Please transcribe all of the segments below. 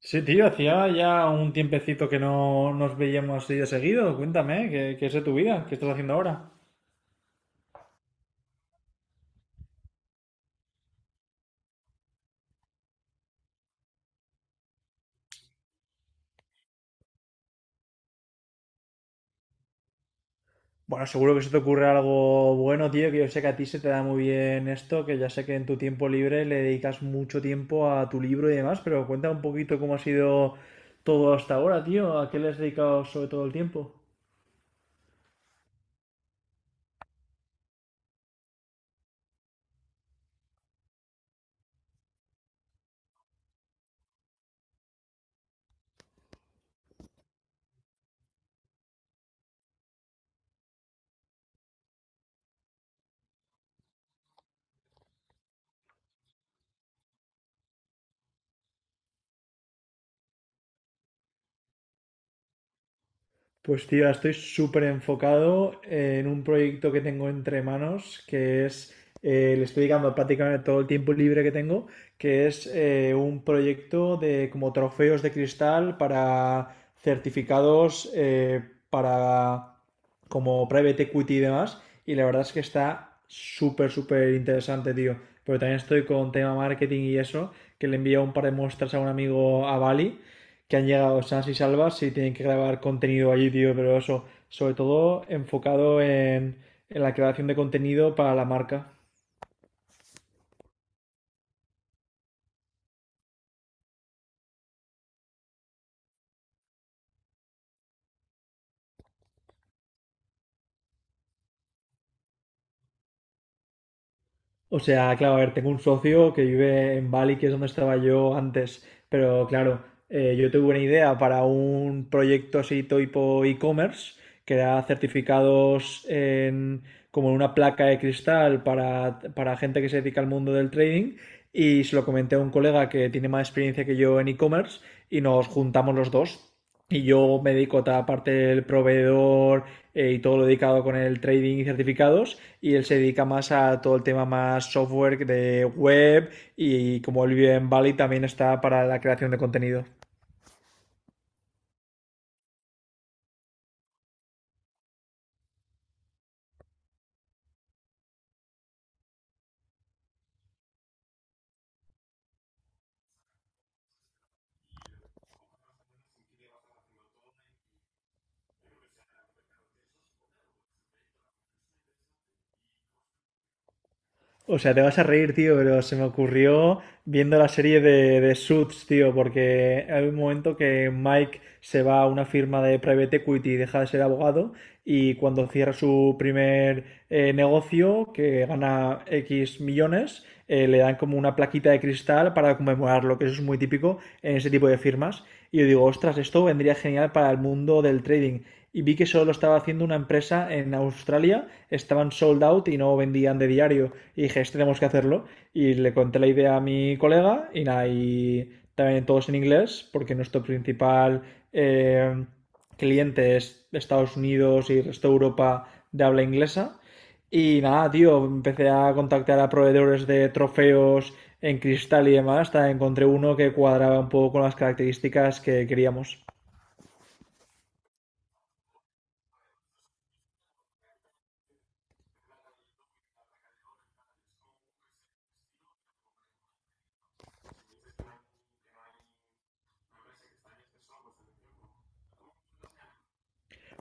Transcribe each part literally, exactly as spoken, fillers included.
Sí, tío, hacía ya un tiempecito que no nos veíamos así de seguido. Cuéntame, ¿qué, qué es de tu vida. ¿Qué estás haciendo ahora? Bueno, seguro que se te ocurre algo bueno, tío, que yo sé que a ti se te da muy bien esto, que ya sé que en tu tiempo libre le dedicas mucho tiempo a tu libro y demás, pero cuenta un poquito cómo ha sido todo hasta ahora, tío, a qué le has dedicado sobre todo el tiempo. Pues tío, ahora estoy súper enfocado en un proyecto que tengo entre manos, que es, eh, le estoy dedicando prácticamente todo el tiempo libre que tengo, que es eh, un proyecto de como trofeos de cristal para certificados eh, para como private equity y demás. Y la verdad es que está súper, súper interesante, tío. Pero también estoy con tema marketing y eso, que le envío un par de muestras a un amigo a Bali que han llegado sanas y salvas y tienen que grabar contenido allí, tío, pero eso, sobre todo enfocado en, en la creación de contenido para la marca. O sea, claro, a ver, tengo un socio que vive en Bali, que es donde estaba yo antes, pero claro, eh, yo tuve una idea para un proyecto así tipo e-commerce, que era certificados en, como en una placa de cristal para, para gente que se dedica al mundo del trading, y se lo comenté a un colega que tiene más experiencia que yo en e-commerce, y nos juntamos los dos. Y yo me dedico a toda la parte del proveedor eh, y todo lo dedicado con el trading y certificados. Y él se dedica más a todo el tema más software de web y como él vive en Bali también está para la creación de contenido. O sea, te vas a reír, tío, pero se me ocurrió viendo la serie de, de Suits, tío, porque hay un momento que Mike se va a una firma de private equity y deja de ser abogado y cuando cierra su primer eh, negocio, que gana X millones, eh, le dan como una plaquita de cristal para conmemorarlo, que eso es muy típico en ese tipo de firmas. Y yo digo, ostras, esto vendría genial para el mundo del trading y vi que solo lo estaba haciendo una empresa en Australia, estaban sold out y no vendían de diario. Y dije, este tenemos que hacerlo. Y le conté la idea a mi colega y nada, y también todos en inglés, porque nuestro principal eh, cliente es Estados Unidos y el resto de Europa de habla inglesa. Y nada, tío, empecé a contactar a proveedores de trofeos en cristal y demás, hasta encontré uno que cuadraba un poco con las características que queríamos.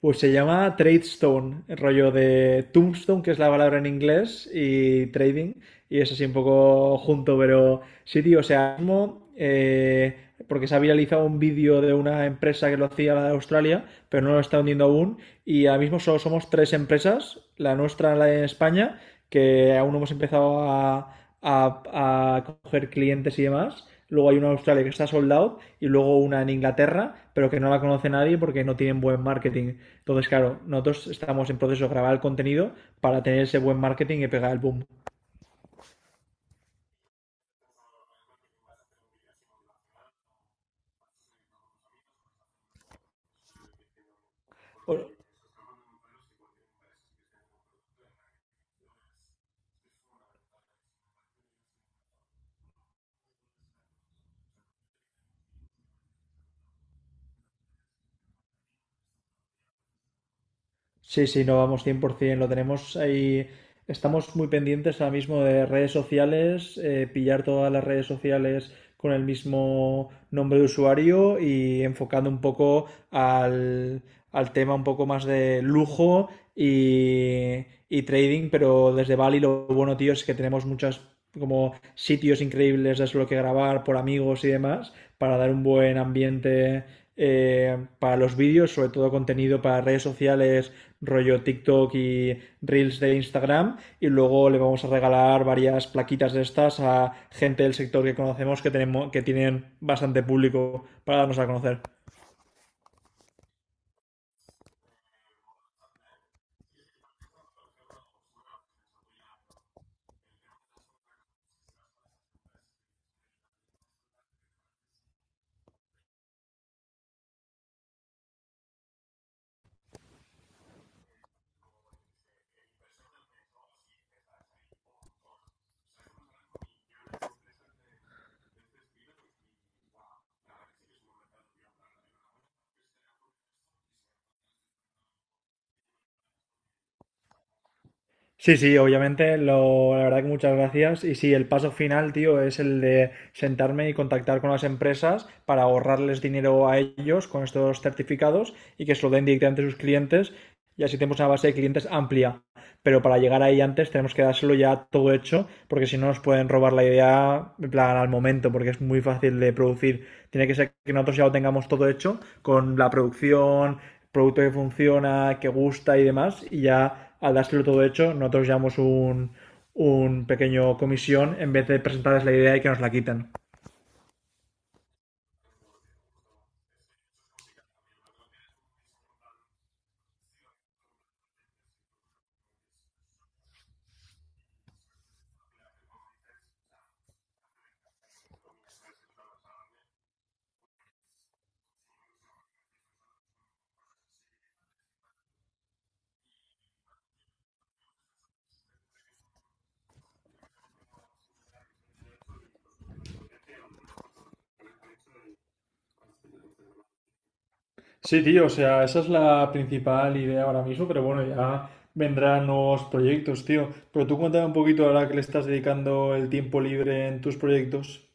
Pues se llama Trade Stone, el rollo de Tombstone, que es la palabra en inglés, y trading, y es así un poco junto, pero sí, tío, o sea, mismo, eh, porque se ha viralizado un vídeo de una empresa que lo hacía la de Australia, pero no lo está hundiendo aún, y ahora mismo solo somos tres empresas, la nuestra, la de España, que aún no hemos empezado a, a- a coger clientes y demás. Luego hay una en Australia que está sold out y luego una en Inglaterra, pero que no la conoce nadie porque no tienen buen marketing. Entonces, claro, nosotros estamos en proceso de grabar el contenido para tener ese buen marketing y pegar el boom. Sí, sí, no, vamos, cien por ciento, lo tenemos ahí. Estamos muy pendientes ahora mismo de redes sociales, eh, pillar todas las redes sociales con el mismo nombre de usuario y enfocando un poco al, al tema un poco más de lujo y, y trading, pero desde Bali lo bueno, tío, es que tenemos muchas como sitios increíbles de lo que grabar por amigos y demás para dar un buen ambiente eh, para los vídeos, sobre todo contenido para redes sociales rollo TikTok y Reels de Instagram y luego le vamos a regalar varias plaquitas de estas a gente del sector que conocemos que tenemos que tienen bastante público para darnos a conocer. Sí, sí, obviamente, lo, la verdad que muchas gracias. Y sí, el paso final, tío, es el de sentarme y contactar con las empresas para ahorrarles dinero a ellos con estos certificados y que se lo den directamente a sus clientes y así tenemos una base de clientes amplia. Pero para llegar ahí antes tenemos que dárselo ya todo hecho, porque si no nos pueden robar la idea en plan, al momento, porque es muy fácil de producir. Tiene que ser que nosotros ya lo tengamos todo hecho con la producción, producto que funciona, que gusta y demás, y ya al dárselo todo hecho, nosotros llevamos un, un pequeño comisión en vez de presentarles la idea y que nos la quiten. Sí, tío, o sea, esa es la principal idea ahora mismo, pero bueno, ya vendrán nuevos proyectos, tío. Pero tú cuéntame un poquito ahora que le estás dedicando el tiempo libre en tus proyectos.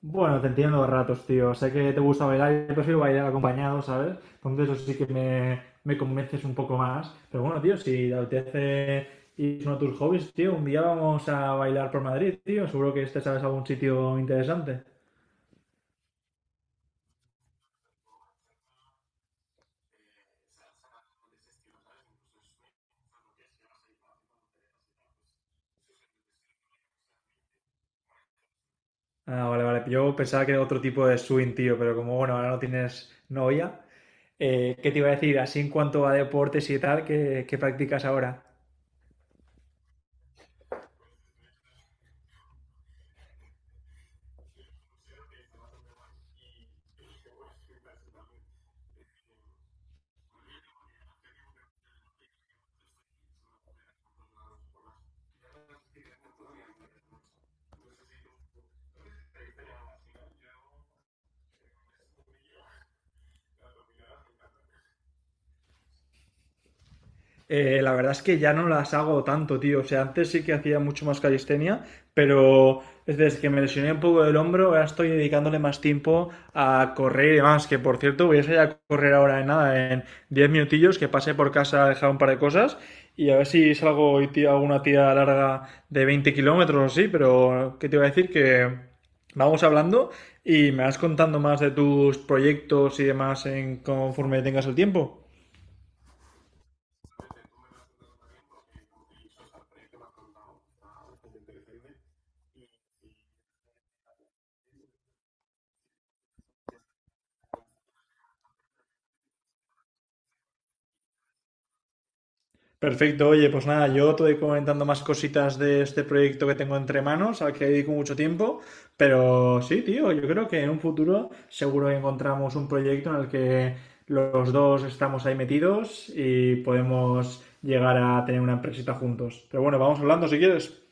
Bueno, te entiendo a ratos, tío. Sé que te gusta bailar, yo prefiero bailar acompañado, ¿sabes? Entonces eso sí que me, me convences un poco más. Pero bueno, tío, si te apetece ir a uno de tus hobbies, tío, un día vamos a bailar por Madrid, tío. Seguro que este sabes algún sitio interesante. Ah, vale, vale. Yo pensaba que era otro tipo de swing, tío, pero como bueno, ahora no tienes novia, eh, ¿qué te iba a decir? Así en cuanto a deportes y tal, ¿qué, qué practicas ahora? Eh, la verdad es que ya no las hago tanto, tío. O sea, antes sí que hacía mucho más calistenia, pero desde que me lesioné un poco del hombro, ahora estoy dedicándole más tiempo a correr y demás. Que por cierto, voy a salir a correr ahora en nada, en diez minutillos, que pasé por casa a dejar un par de cosas. Y a ver si salgo y tiro alguna tira larga de veinte kilómetros o así, pero ¿qué te iba a decir? Que vamos hablando y me vas contando más de tus proyectos y demás en conforme tengas el tiempo. Perfecto, oye, pues nada, yo te voy comentando más cositas de este proyecto que tengo entre manos, al que dedico mucho tiempo, pero sí, tío, yo creo que en un futuro seguro que encontramos un proyecto en el que los dos estamos ahí metidos y podemos llegar a tener una empresita juntos. Pero bueno, vamos hablando si quieres.